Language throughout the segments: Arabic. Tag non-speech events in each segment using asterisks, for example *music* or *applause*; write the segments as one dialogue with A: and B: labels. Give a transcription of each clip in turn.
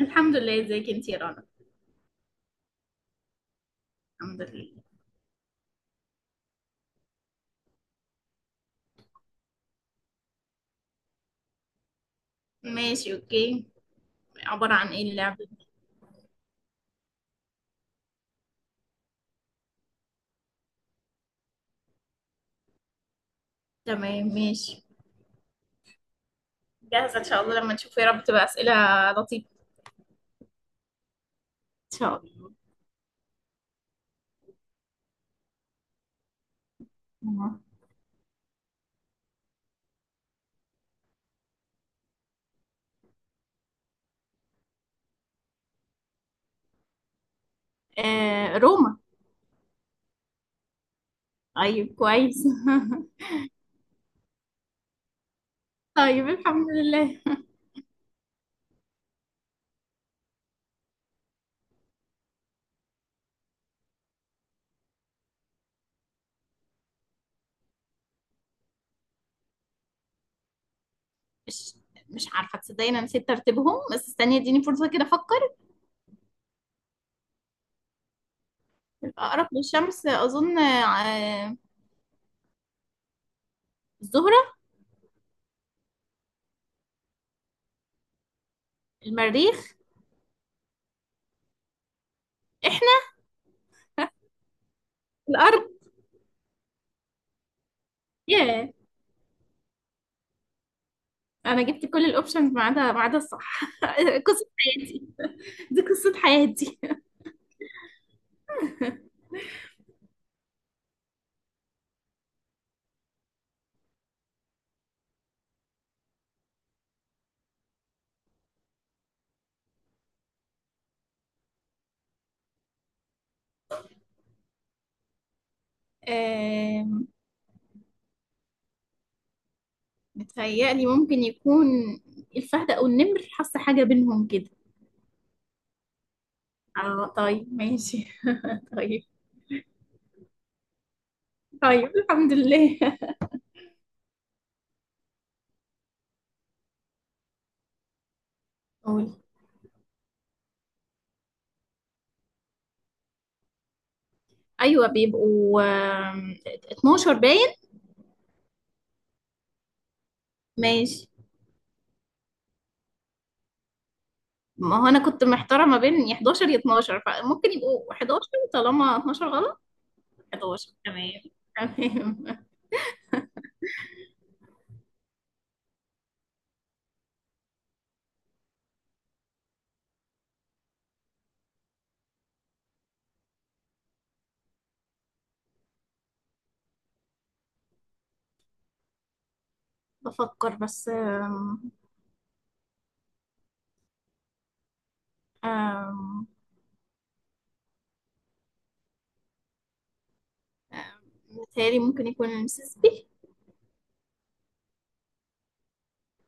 A: الحمد لله. ازيك انتي يا رنا؟ الحمد لله. ماشي اوكي. عبارة عن ايه اللعبة دي؟ تمام ماشي. جاهزة ان شاء الله، لما نشوف يا رب تبقى اسئلة لطيفة. ان شاء الله. تمام. آه، روما. طيب كويس. *laughs* طيب الحمد لله. مش مش عارفة تصدقيني، انا نسيت ترتيبهم، بس استني اديني فرصة كده افكر. الاقرب للشمس اظن آه الزهرة. المريخ. احنا. الارض. ياه، انا جبت كل الاوبشنز ما عدا الصح. *laughs* قصة حياتي. دي قصة حياتي. آم، متهيألي ممكن يكون الفهد أو النمر، حاسة حاجة بينهم كده. اه طيب ماشي. *laughs* طيب. طيب الحمد لله. قول. أيوة بيبقوا 12 باين. ماشي. ما هو أنا كنت محتارة ما بين يا 11 يا 12، فممكن يبقوا 11 طالما 12 غلط. 11 تمام. تمام. *laughs* بفكر بس آم، آم، آم، متهيألي ممكن يكون المسيسيبي.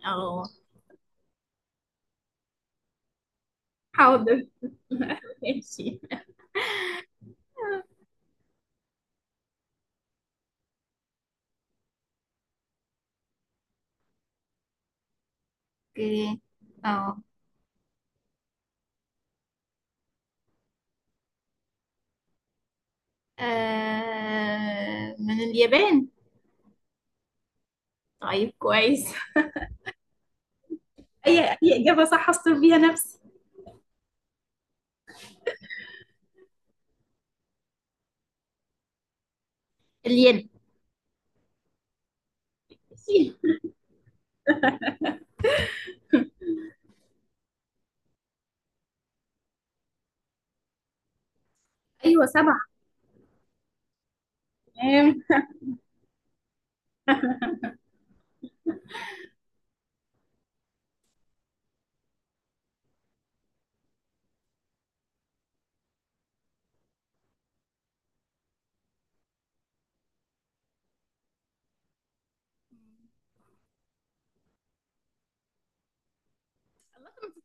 A: اه حاضر. *laughs* ماشي. اوكي. اه. آه، من *laughs* اليابان. طيب كويس. اي اي اجابه صح اصطر بيها نفسي. الين. ماشي. ايوه سبعه. تمام.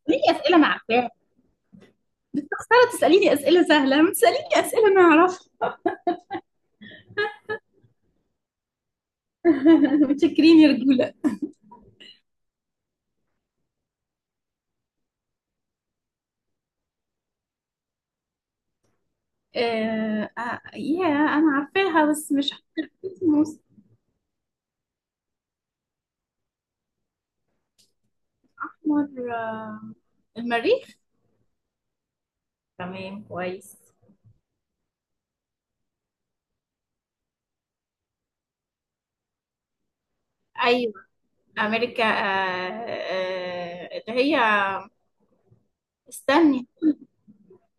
A: ليه اسئله انا عارفاها؟ انا تساليني اسئله سهله، ما تساليني اسئله انا اعرفها. *laughs* متشكرين يا رجوله. يا انا عارفاها بس مش فاكرة اسمه. استحمر، آه، المريخ. تمام كويس. ايوه امريكا، اللي هي، استني.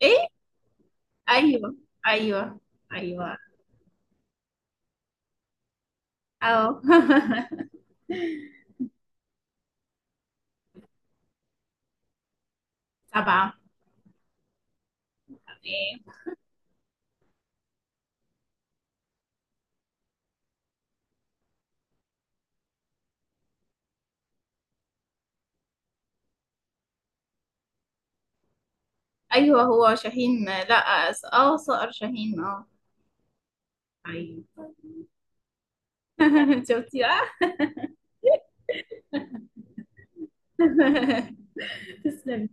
A: ايه. ايوه. ايوه. ايوه. اه. *laughs* سبعة. ايه. ايوه هو شاهين، لا س- اه صقر شاهين اه. ايوه. *laughs* شفتي بقى. *laughs* تسلمي.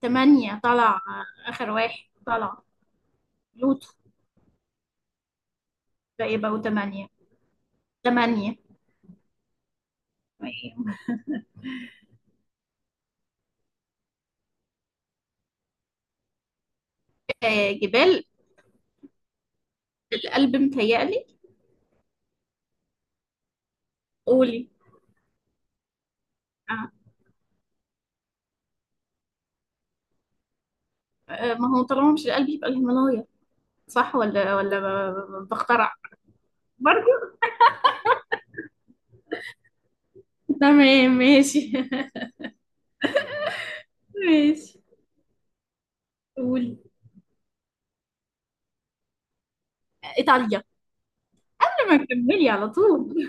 A: تمانية طلع. اخر واحد طلع لوتو، ده يبقوا تمانية. تمانية. آه، جبال القلب متهيألي. قولي. آه، آه، ما هو طالما مش القلب يبقى الهيمالايا. صح؟ ولا بخترع. برضه تمام ماشي. *laughs* ماشي. قول. إيطاليا. قبل ما تكملي على طول.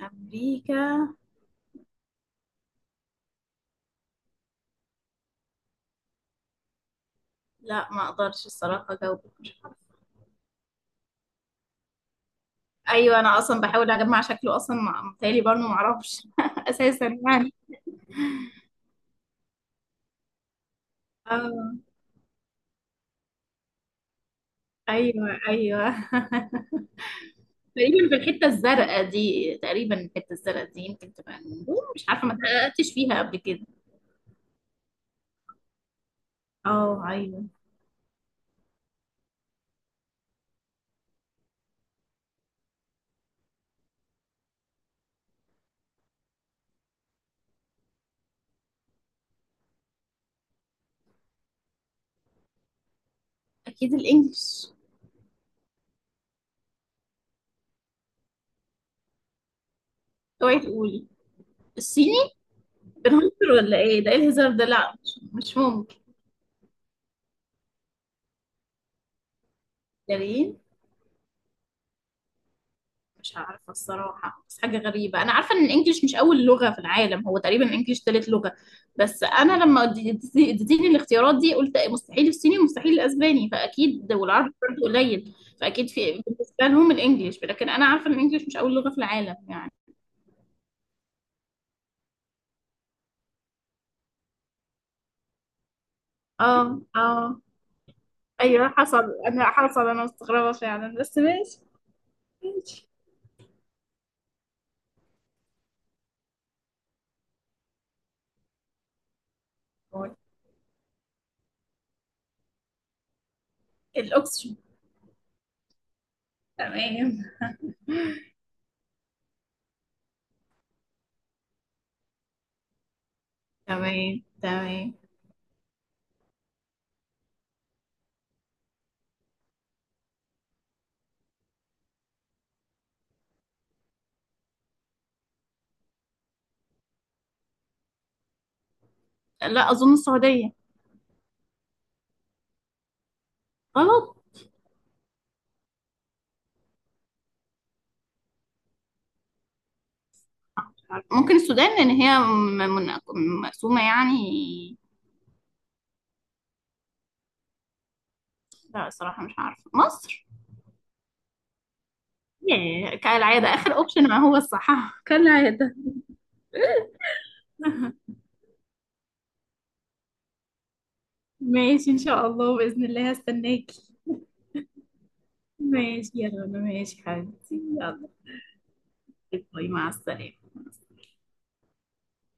A: أمريكا. لا ما أقدرش الصراحة أجاوبك، مش عارفة. أيوة أنا أصلا بحاول أجمع شكله أصلا، متهيألي برضه ما أعرفش *laughs* أساسا يعني. آه. أيوة أيوة. *laughs* تقريبا في الحتة الزرقاء دي، تقريبا الحتة الزرقاء دي يمكن تبقى النجوم، مش عارفة ما اتحققتش فيها قبل كده. اه ايوه. اكيد الانجليش. اوعي تقولي الصيني. بنهزر ولا ايه ده؟ ايه الهزار ده؟ لا مش ممكن. جميل. مش عارفه الصراحه، بس حاجه غريبه، انا عارفه ان الانجليش مش اول لغه في العالم، هو تقريبا الانجليش تالت لغه. بس انا لما اديتيني الاختيارات دي قلت مستحيل الصيني ومستحيل الاسباني، فاكيد والعربي برضه قليل. فاكيد في بالنسبه لهم الانجليش، لكن انا عارفه ان الانجليش مش اول لغه في العالم يعني. اه اه. ايوه حصل. انا مستغربه فعلا بس ماشي. ماشي. الاوكسجين. تمام تمام. تمام. لا أظن السعودية. غلط. ممكن السودان، لأن هي مقسومة يعني. لا الصراحة مش عارفة. مصر؟ ياه، كالعادة آخر أوبشن ما هو الصح. *laughs* كالعادة. ماشي إن شاء الله، بإذن الله هستناكي. ماشي يا رنا، ماشي حبيبتي، يلا. باي مع السلامة.